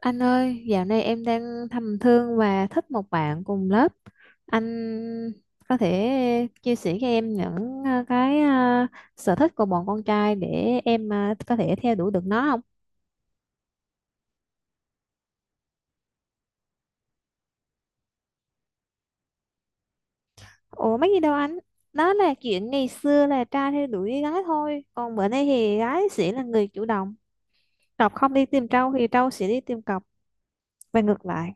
Anh ơi, dạo này em đang thầm thương và thích một bạn cùng lớp. Anh có thể chia sẻ cho em những sở thích của bọn con trai để em có thể theo đuổi được nó không? Ủa mấy gì đâu anh? Đó là chuyện ngày xưa là trai theo đuổi gái thôi. Còn bữa nay thì gái sẽ là người chủ động. Cọc không đi tìm trâu thì trâu sẽ đi tìm cọc và ngược lại.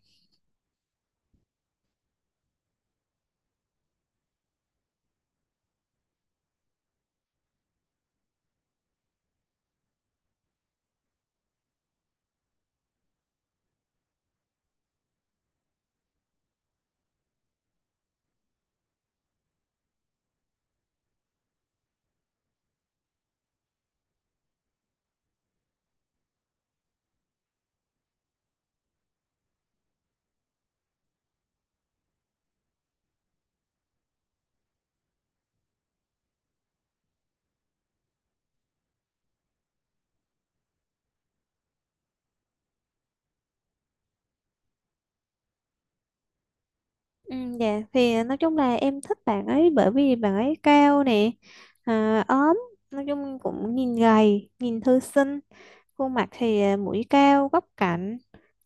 Ừ, dạ thì nói chung là em thích bạn ấy bởi vì bạn ấy cao nè, à, ốm, nói chung cũng nhìn gầy nhìn thư sinh. Khuôn mặt thì mũi cao góc cạnh,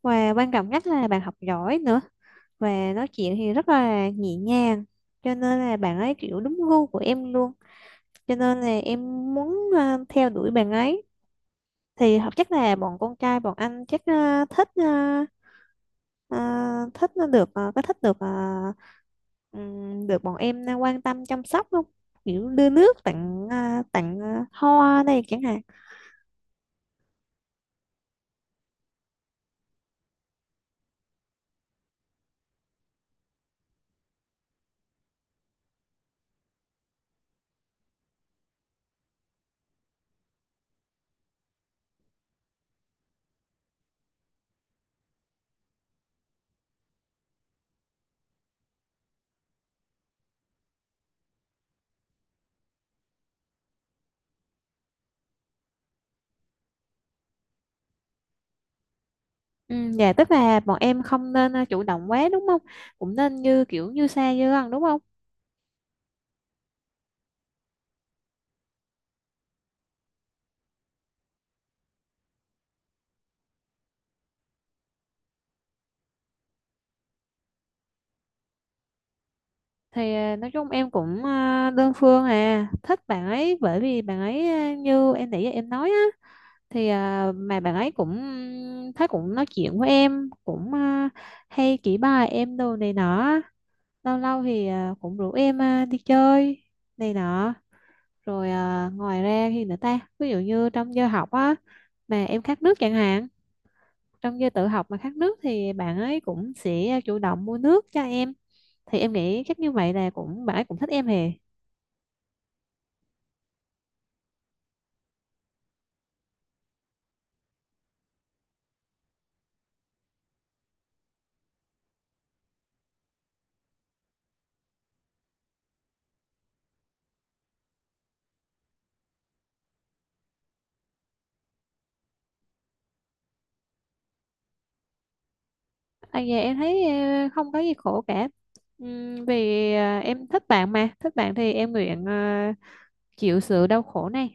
và quan trọng nhất là bạn học giỏi nữa, và nói chuyện thì rất là nhẹ nhàng, cho nên là bạn ấy kiểu đúng gu của em luôn, cho nên là em muốn theo đuổi bạn ấy. Thì chắc là bọn con trai bọn anh chắc ờ, thích ờ, ờ, thích nó được ờ, có thích được ờ, được bọn em quan tâm chăm sóc không, kiểu đưa nước tặng tặng hoa này chẳng hạn. Ừ, dạ tức là bọn em không nên chủ động quá đúng không, cũng nên như kiểu như xa như gần đúng không. Thì nói chung em cũng đơn phương à thích bạn ấy bởi vì bạn ấy như em nãy giờ em nói á. Thì mà bạn ấy cũng thấy, cũng nói chuyện với em cũng hay chỉ bài em đồ này nọ. Lâu lâu thì cũng rủ em đi chơi này nọ. Rồi ngoài ra thì nữa ta, ví dụ như trong giờ học á, mà em khát nước chẳng hạn, trong giờ tự học mà khát nước thì bạn ấy cũng sẽ chủ động mua nước cho em. Thì em nghĩ chắc như vậy là cũng bạn ấy cũng thích em hề. À, dạ em thấy không có gì khổ cả. Vì em thích bạn mà thích bạn thì em nguyện chịu sự đau khổ này.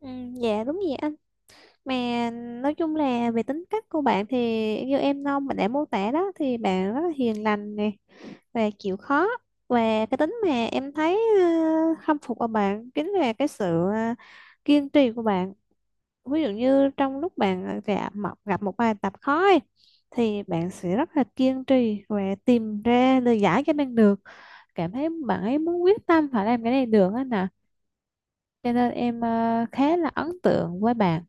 Ừ, dạ đúng vậy anh, mà nói chung là về tính cách của bạn thì như em Nông mình đã mô tả đó, thì bạn rất là hiền lành nè, và chịu khó, và cái tính mà em thấy khâm phục ở bạn chính là cái sự ờ, kiên trì của bạn. Ví dụ như trong lúc bạn gặp một bài tập khó ấy, thì bạn sẽ rất là kiên trì và tìm ra lời giải cho bạn được, cảm thấy bạn ấy muốn quyết tâm phải làm cái này được á nè, cho nên em khá là ấn tượng với bạn.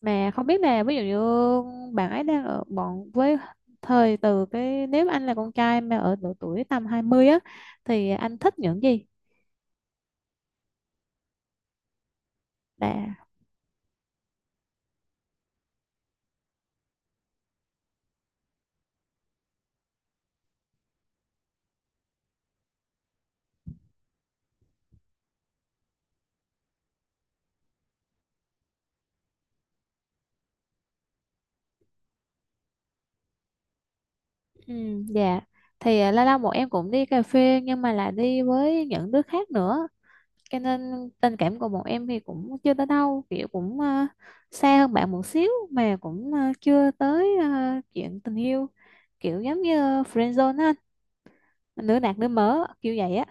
Mà không biết là ví dụ như bạn ấy đang ở bọn với thời từ cái, nếu mà anh là con trai mà ở độ tuổi tầm 20 á, thì anh thích những gì là. Ừ, dạ thì lâu lâu bọn em cũng đi cà phê nhưng mà là đi với những đứa khác nữa, cho nên tình cảm của bọn em thì cũng chưa tới đâu, kiểu cũng xa hơn bạn một xíu mà cũng chưa tới chuyện tình yêu, kiểu giống như friend zone á, anh, nữ nạc nữ mỡ kiểu vậy á.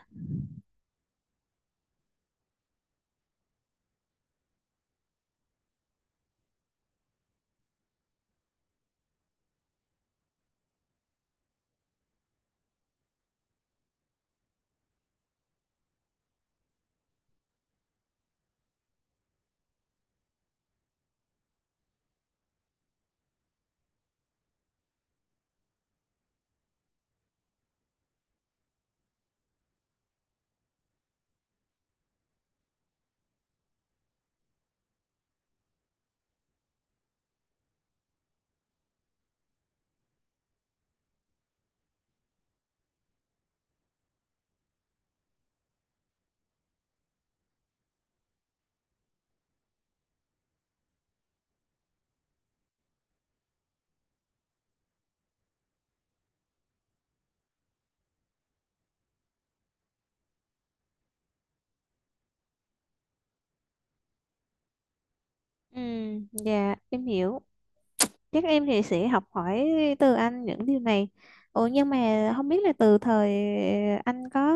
Ừ, dạ em hiểu, chắc em thì sẽ học hỏi từ anh những điều này. Ủa nhưng mà không biết là từ thời anh có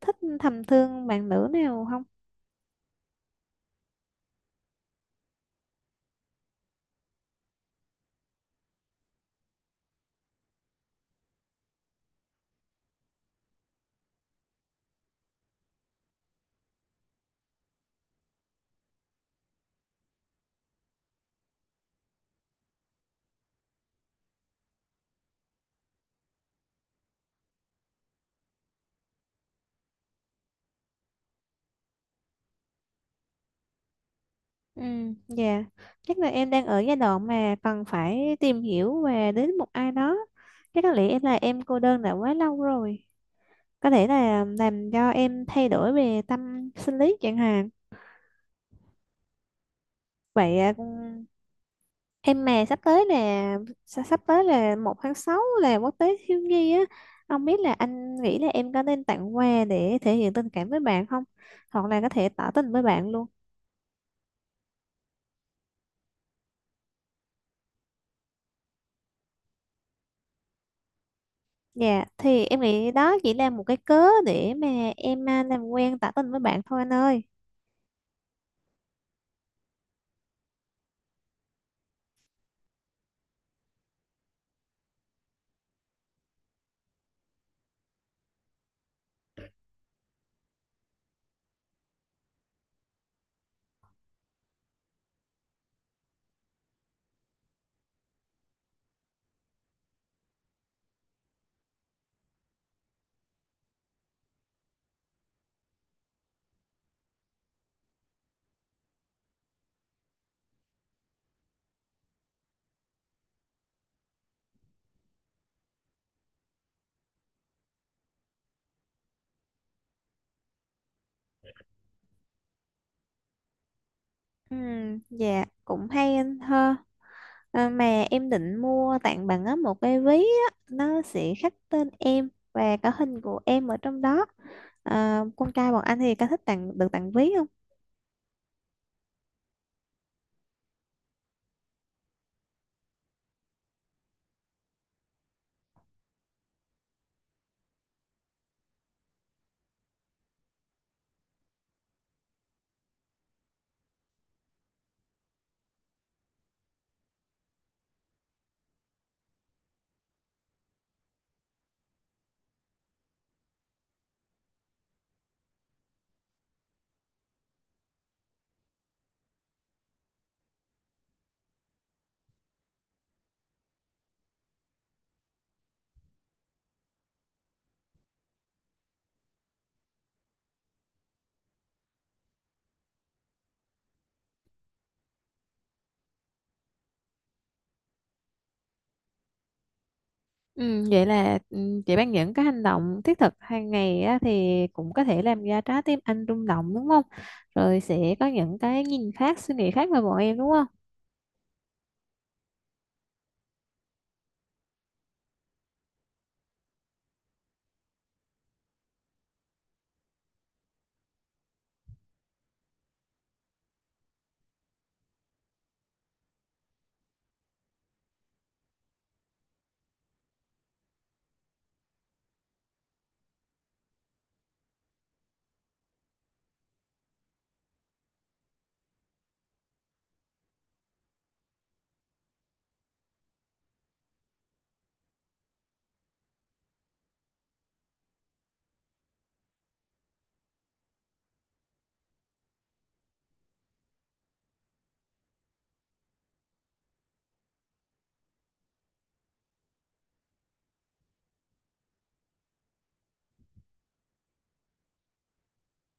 thích thầm thương bạn nữ nào không. Ừ, dạ chắc là em đang ở giai đoạn mà cần phải tìm hiểu và đến một ai đó, chắc có lẽ em là em cô đơn đã quá lâu rồi, có thể là làm cho em thay đổi về tâm sinh lý chẳng hạn. Vậy em mà sắp tới là sắp sắp tới là 1 tháng 6 là quốc tế thiếu nhi á. Ông biết là anh nghĩ là em có nên tặng quà để thể hiện tình cảm với bạn không? Hoặc là có thể tỏ tình với bạn luôn. Dạ, thì em nghĩ đó chỉ là một cái cớ để mà em làm quen tỏ tình với bạn thôi anh ơi. Ừ, dạ, cũng hay anh ha. À, mà em định mua tặng bạn á một cái ví á, nó sẽ khắc tên em và cả hình của em ở trong đó. À, con trai bọn anh thì có thích tặng được tặng ví không? Ừ, vậy là ừ, chị Ban những cái hành động thiết thực hàng ngày á, thì cũng có thể làm ra trái tim anh rung động đúng không? Rồi sẽ có những cái nhìn khác, suy nghĩ khác về bọn em đúng không?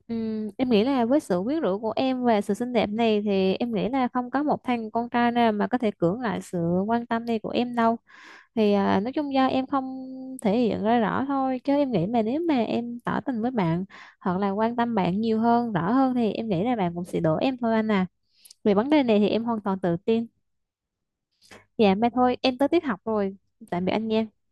Ừ, em nghĩ là với sự quyến rũ của em và sự xinh đẹp này thì em nghĩ là không có một thằng con trai nào mà có thể cưỡng lại sự quan tâm này của em đâu. Thì nói chung do em không thể hiện ra rõ thôi, chứ em nghĩ mà nếu mà em tỏ tình với bạn hoặc là quan tâm bạn nhiều hơn, rõ hơn thì em nghĩ là bạn cũng sẽ đổ em thôi anh à. Về vấn đề này thì em hoàn toàn tự tin. Dạ mai thôi em tới tiết học rồi, tạm biệt anh nha.